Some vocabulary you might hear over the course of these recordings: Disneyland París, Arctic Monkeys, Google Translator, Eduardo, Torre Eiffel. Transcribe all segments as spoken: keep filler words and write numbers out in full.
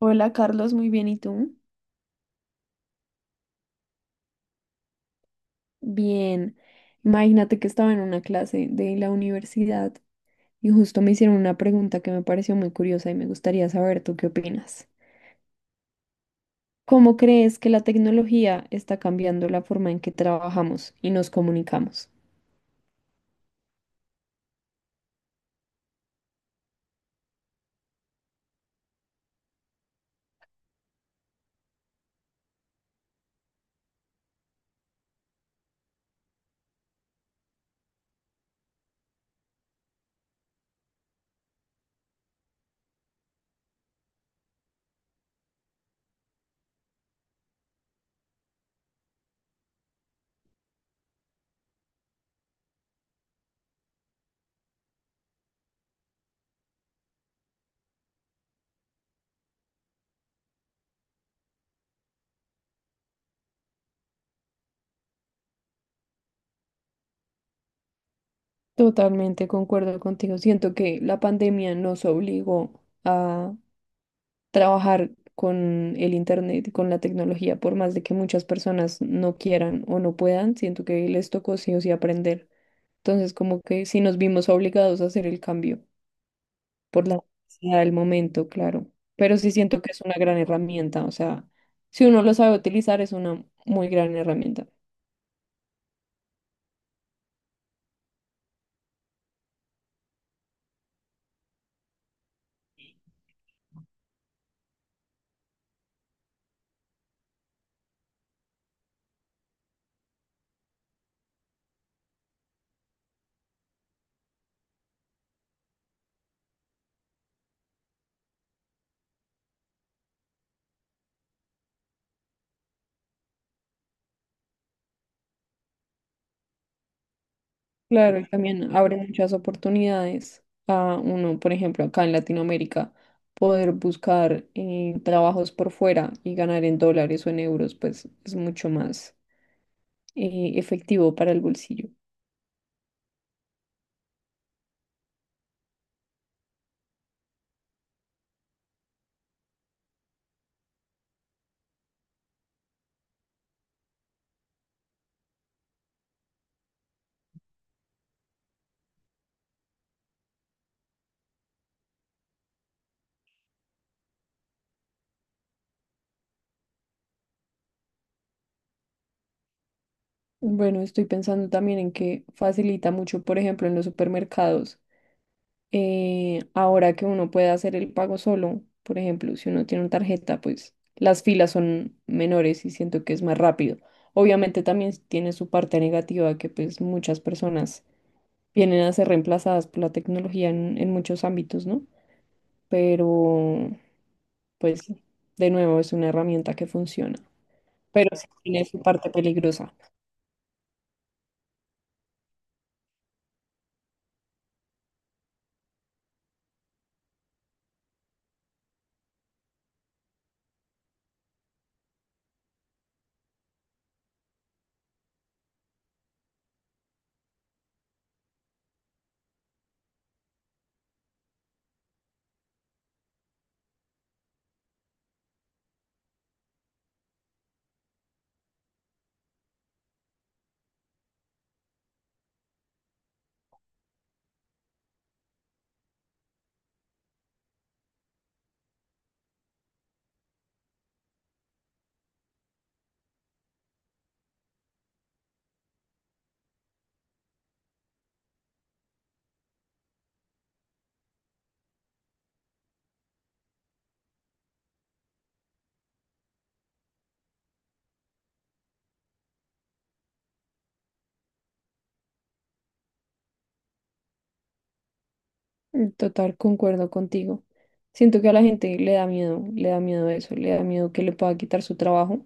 Hola Carlos, muy bien, ¿y tú? Bien, imagínate que estaba en una clase de la universidad y justo me hicieron una pregunta que me pareció muy curiosa y me gustaría saber tú qué opinas. ¿Cómo crees que la tecnología está cambiando la forma en que trabajamos y nos comunicamos? Totalmente concuerdo contigo. Siento que la pandemia nos obligó a trabajar con el internet y con la tecnología, por más de que muchas personas no quieran o no puedan, siento que les tocó sí o sí aprender. Entonces, como que sí nos vimos obligados a hacer el cambio por la necesidad del momento, claro. Pero sí siento que es una gran herramienta, o sea, si uno lo sabe utilizar, es una muy gran herramienta. Claro, y también abre muchas oportunidades a uno, por ejemplo, acá en Latinoamérica, poder buscar eh, trabajos por fuera y ganar en dólares o en euros, pues es mucho más eh, efectivo para el bolsillo. Bueno, estoy pensando también en que facilita mucho, por ejemplo, en los supermercados eh, ahora que uno puede hacer el pago solo, por ejemplo, si uno tiene una tarjeta, pues las filas son menores y siento que es más rápido. Obviamente también tiene su parte negativa, que pues muchas personas vienen a ser reemplazadas por la tecnología en, en muchos ámbitos, ¿no? Pero pues de nuevo es una herramienta que funciona, pero sí tiene su parte peligrosa. En total, concuerdo contigo. Siento que a la gente le da miedo, le da miedo eso, le da miedo que le pueda quitar su trabajo.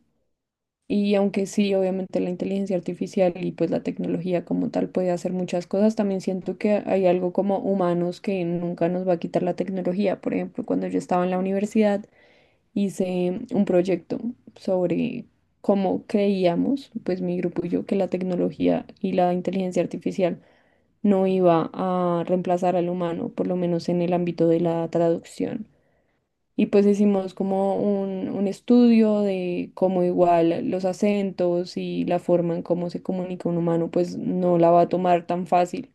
Y aunque sí, obviamente la inteligencia artificial y pues la tecnología como tal puede hacer muchas cosas, también siento que hay algo como humanos que nunca nos va a quitar la tecnología. Por ejemplo, cuando yo estaba en la universidad hice un proyecto sobre cómo creíamos, pues mi grupo y yo, que la tecnología y la inteligencia artificial no iba a reemplazar al humano, por lo menos en el ámbito de la traducción. Y pues hicimos como un, un estudio de cómo igual los acentos y la forma en cómo se comunica un humano, pues no la va a tomar tan fácil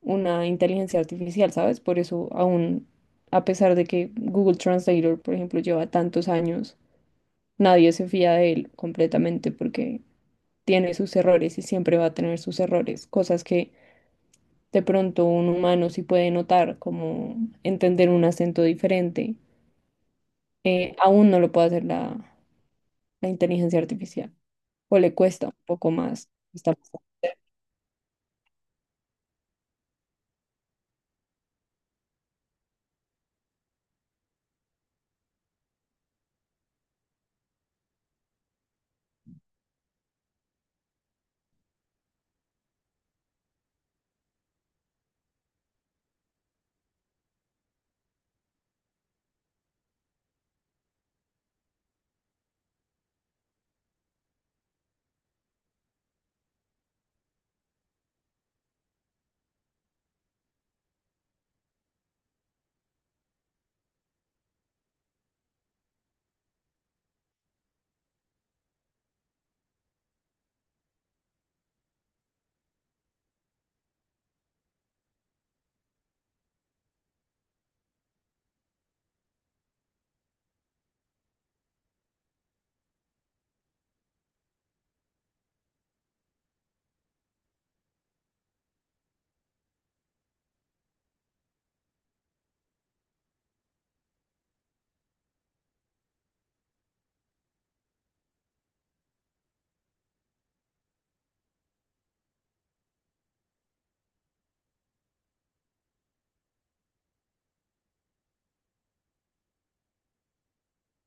una inteligencia artificial, ¿sabes? Por eso aún, a pesar de que Google Translator, por ejemplo, lleva tantos años, nadie se fía de él completamente porque tiene sus errores y siempre va a tener sus errores, cosas que de pronto un humano sí puede notar, como entender un acento diferente. Eh, aún no lo puede hacer la, la inteligencia artificial, o le cuesta un poco más. Está...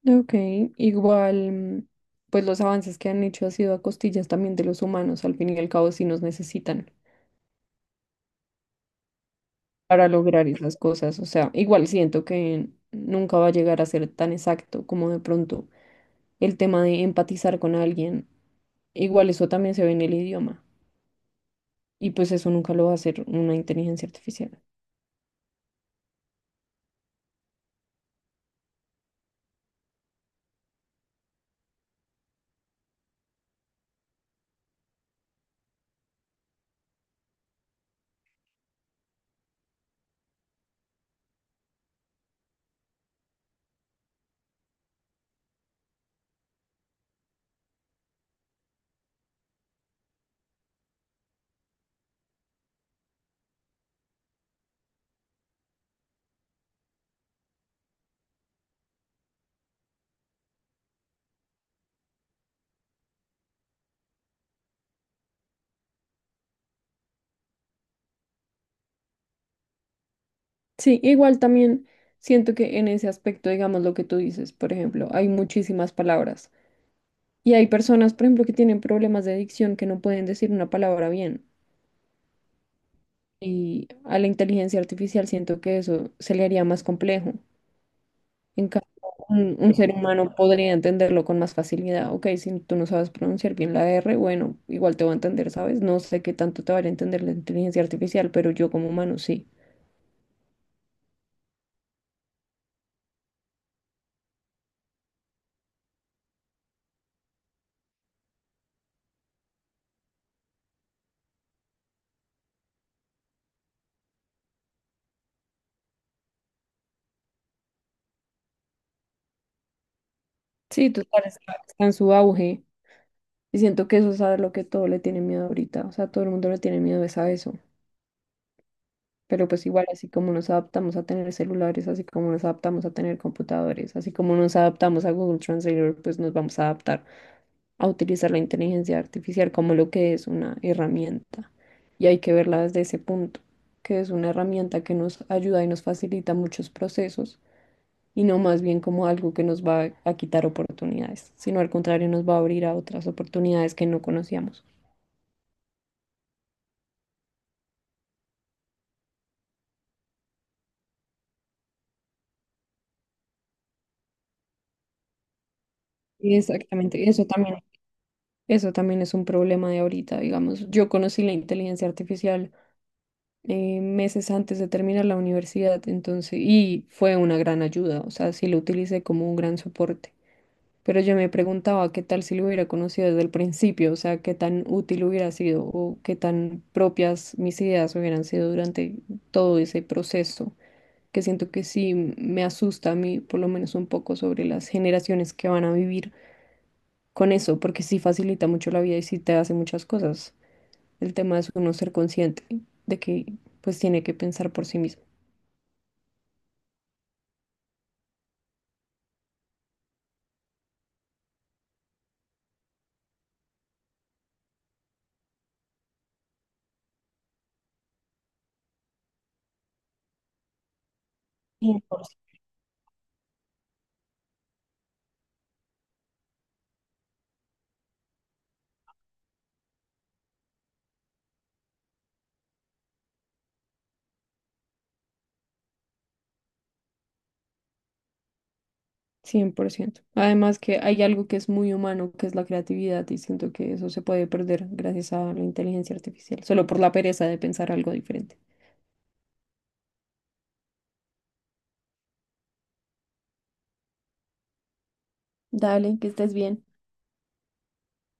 Ok, igual, mm, pues los avances que han hecho ha sido a costillas también de los humanos, al fin y al cabo sí nos necesitan para lograr esas cosas, o sea, igual siento que nunca va a llegar a ser tan exacto como de pronto el tema de empatizar con alguien, igual eso también se ve en el idioma, y pues eso nunca lo va a hacer una inteligencia artificial. Sí, igual también siento que en ese aspecto, digamos lo que tú dices, por ejemplo, hay muchísimas palabras y hay personas, por ejemplo, que tienen problemas de dicción, que no pueden decir una palabra bien, y a la inteligencia artificial siento que eso se le haría más complejo. En cambio, un, un ser humano podría entenderlo con más facilidad. Ok, si tú no sabes pronunciar bien la R, bueno, igual te va a entender, ¿sabes? No sé qué tanto te va a entender la inteligencia artificial, pero yo como humano sí. Sí, total, está está en su auge. Y siento que eso es a lo que todo le tiene miedo ahorita. O sea, todo el mundo le tiene miedo es a eso. Pero pues igual, así como nos adaptamos a tener celulares, así como nos adaptamos a tener computadores, así como nos adaptamos a Google Translator, pues nos vamos a adaptar a utilizar la inteligencia artificial como lo que es, una herramienta. Y hay que verla desde ese punto, que es una herramienta que nos ayuda y nos facilita muchos procesos, y no más bien como algo que nos va a quitar oportunidades, sino al contrario, nos va a abrir a otras oportunidades que no conocíamos. Exactamente, eso también, eso también es un problema de ahorita, digamos. Yo conocí la inteligencia artificial eh, meses antes de terminar la universidad, entonces, y fue una gran ayuda, o sea, sí lo utilicé como un gran soporte. Pero yo me preguntaba qué tal si lo hubiera conocido desde el principio, o sea, qué tan útil hubiera sido o qué tan propias mis ideas hubieran sido durante todo ese proceso, que siento que sí me asusta a mí, por lo menos un poco, sobre las generaciones que van a vivir con eso, porque sí facilita mucho la vida y sí te hace muchas cosas. El tema es uno ser consciente de que pues tiene que pensar por sí mismo, cien por ciento. Además, que hay algo que es muy humano, que es la creatividad, y siento que eso se puede perder gracias a la inteligencia artificial, solo por la pereza de pensar algo diferente. Dale, que estés bien.